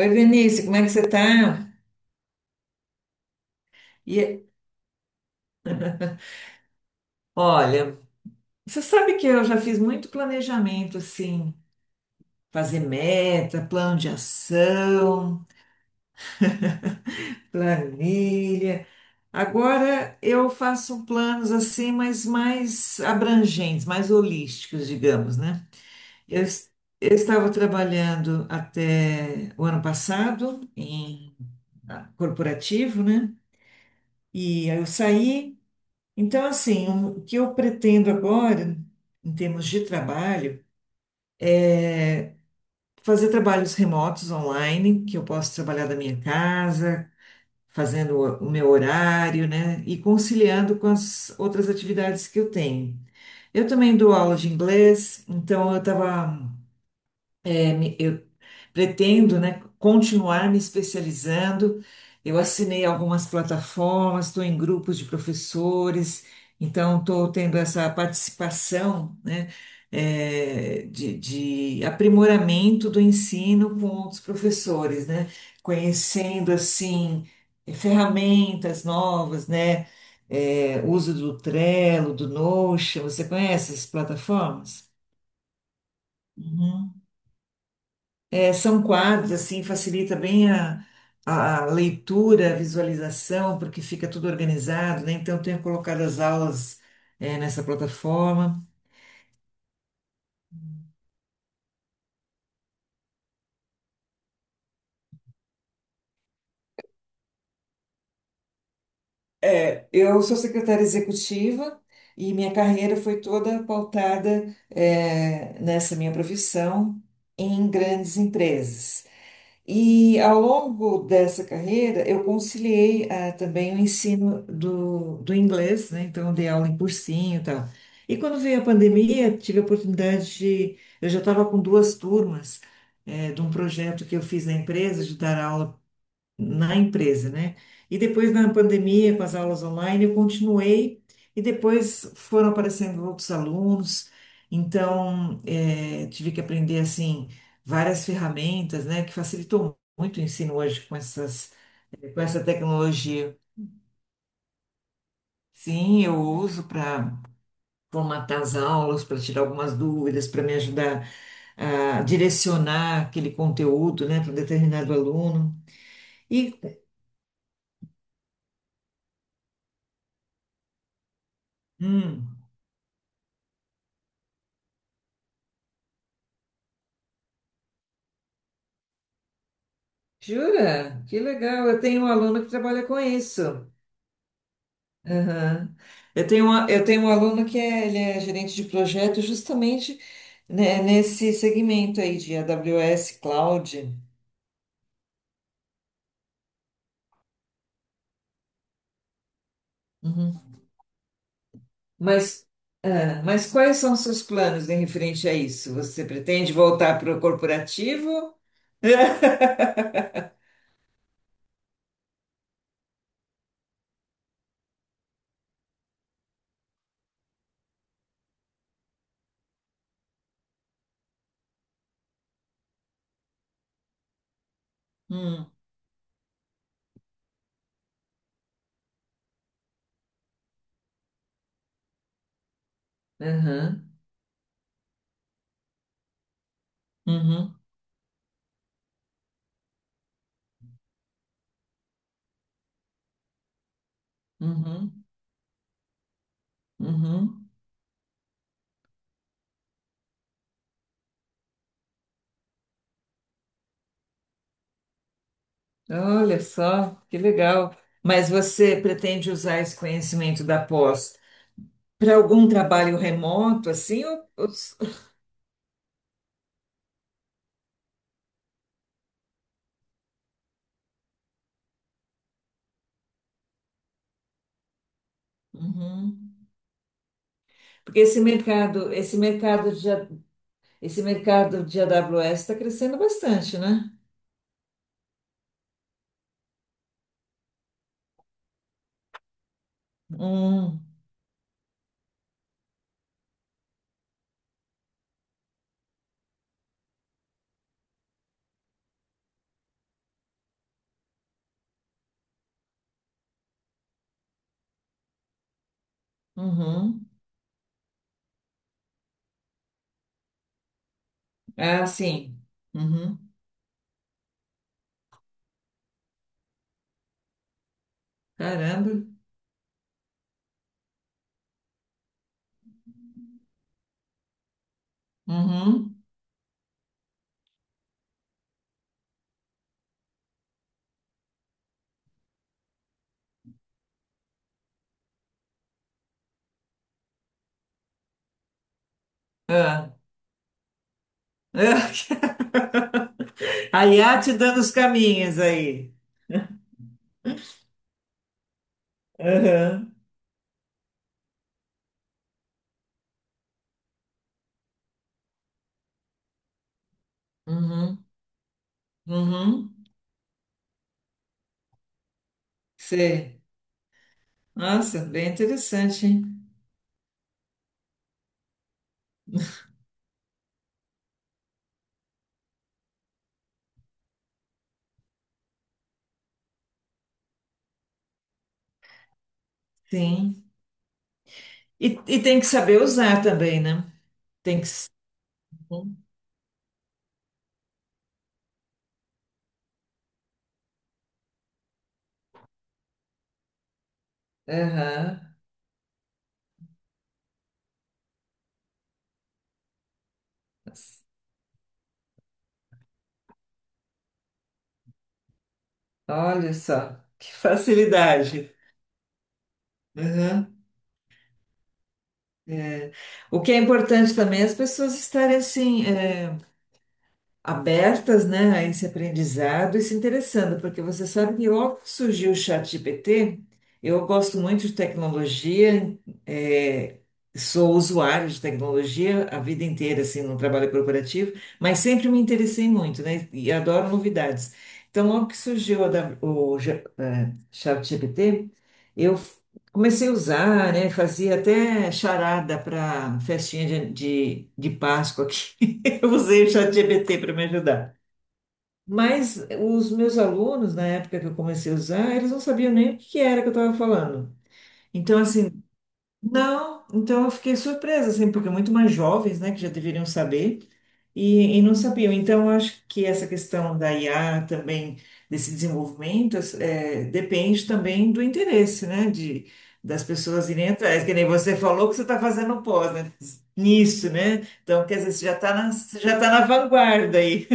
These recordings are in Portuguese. Oi, Vinícius, como é que você tá? E, olha, você sabe que eu já fiz muito planejamento, assim, fazer meta, plano de ação, planilha. Agora eu faço planos assim, mas mais abrangentes, mais holísticos, digamos, né? Eu, es- eu estava trabalhando até o ano passado em corporativo, né? E aí eu saí. Então, assim, o que eu pretendo agora, em termos de trabalho, fazer trabalhos remotos online, que eu posso trabalhar da minha casa, fazendo o meu horário, né? E conciliando com as outras atividades que eu tenho. Eu também dou aula de inglês, então eu estava eu pretendo, né, continuar me especializando. Eu assinei algumas plataformas, estou em grupos de professores, então estou tendo essa participação, né, de aprimoramento do ensino com outros professores, né, conhecendo assim ferramentas novas, né, uso do Trello, do Notion. Você conhece essas plataformas? É, são quadros, assim, facilita bem a leitura, a visualização, porque fica tudo organizado, né? Então, eu tenho colocado as aulas, é, nessa plataforma. É, eu sou secretária executiva e minha carreira foi toda pautada, é, nessa minha profissão em grandes empresas. E ao longo dessa carreira, eu conciliei também o ensino do inglês, né? Então, eu dei aula em cursinho e tal. E quando veio a pandemia, tive a oportunidade de. Eu já estava com duas turmas de um projeto que eu fiz na empresa, de dar aula na empresa, né? E depois na pandemia, com as aulas online, eu continuei e depois foram aparecendo outros alunos, então tive que aprender assim várias ferramentas, né, que facilitou muito o ensino hoje com com essa tecnologia. Sim, eu uso para formatar as aulas, para tirar algumas dúvidas, para me ajudar a direcionar aquele conteúdo, né, para um determinado aluno. E, hum, Jura? Que legal. Eu tenho um aluno que trabalha com isso. Aham. Eu tenho eu tenho um aluno que é, ele é gerente de projeto justamente, né, nesse segmento aí de AWS Cloud. Uhum. Mas, mas quais são os seus planos em referente a isso? Você pretende voltar para o corporativo? Hum. Aham. Uhum. Uhum. Uhum. Olha só, que legal. Mas você pretende usar esse conhecimento da pós para algum trabalho remoto, assim? Ou- ou- Uhum. Porque esse mercado de, A- esse mercado de AWS está crescendo bastante, né? Hum, uhum. Ah, sim. Uhum. Caramba. Uhum. Ah. A IA te dando os caminhos aí. Aham. Uhum. Uhum. Sei. Nossa, bem interessante, hein? Sim. E tem que saber usar também, né? Tem que. s- Uhum. Aham. Olha só, que facilidade. Aham. É. O que é importante também é as pessoas estarem assim. Abertas, né, a esse aprendizado e se interessando, porque você sabe que logo que surgiu o ChatGPT, eu gosto muito de tecnologia, é, sou usuário de tecnologia a vida inteira, assim, no trabalho corporativo, mas sempre me interessei muito, né, e adoro novidades. Então, logo que surgiu a da- o, G- é, ChatGPT, eu f- comecei a usar, né, fazia até charada para festinha de Páscoa aqui eu usei o ChatGPT para me ajudar. Mas os meus alunos, na época que eu comecei a usar, eles não sabiam nem o que era que eu estava falando. Então, assim, não, então eu fiquei surpresa, assim, porque muito mais jovens, né, que já deveriam saber e não sabiam. Então, eu acho que essa questão da IA também, desse desenvolvimento, depende também do interesse, né, de, das pessoas irem atrás. Que nem você falou que você está fazendo pós, né, nisso, né? Então, quer dizer, você já está você já tá na vanguarda aí.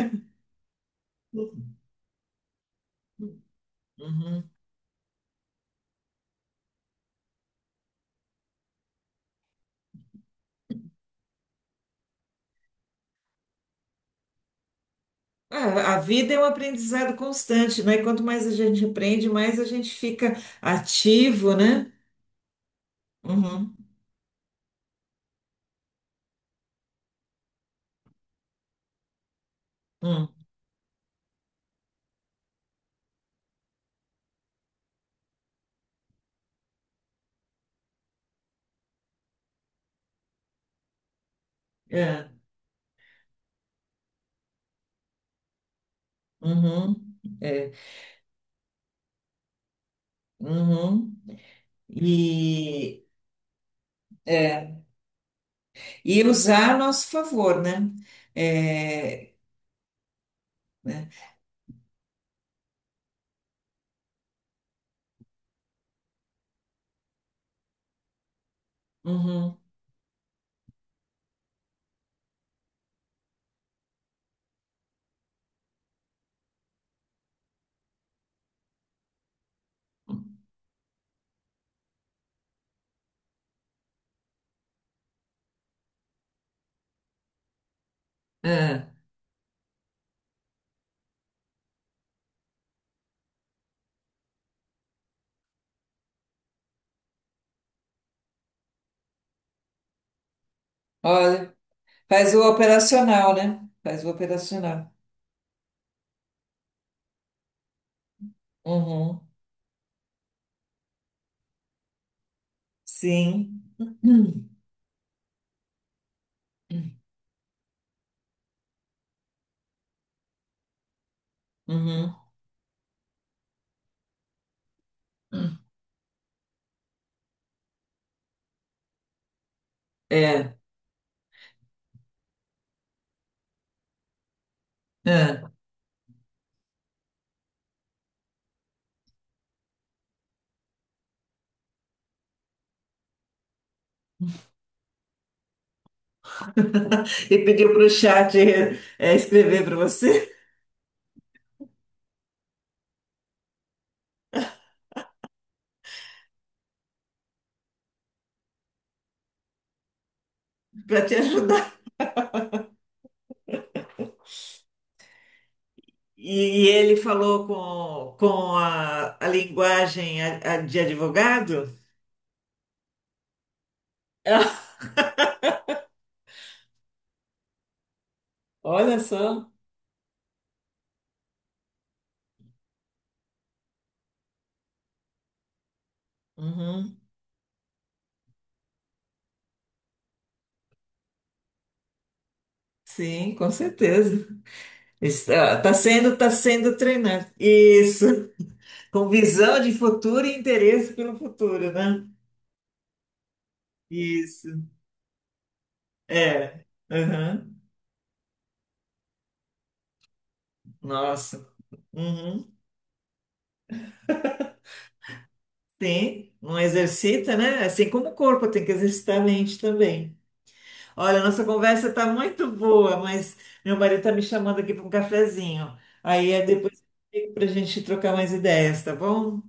Uhum. É, a vida é um aprendizado constante, né? E quanto mais a gente aprende, mais a gente fica ativo, né? Uhum. Hum, é, uhum, é, uhum, e, é, e usar a nosso favor, né? É, uhum, é. Olha, faz o operacional, né? Faz o operacional. Uhum, sim. Uhum, uhum, é, é. E pediu para o chat escrever para você, para te ajudar. E, ele falou com a linguagem a de advogado? Olha só. Uhum. Sim, com certeza. Tá sendo treinado. Isso. Com visão de futuro e interesse pelo futuro, né? Isso. É. Uhum. Nossa. Uhum. Tem. Não exercita, né? Assim como o corpo tem que exercitar a mente também. Olha, nossa conversa tá muito boa, mas meu marido tá me chamando aqui para um cafezinho. Aí é depois para a gente trocar mais ideias, tá bom?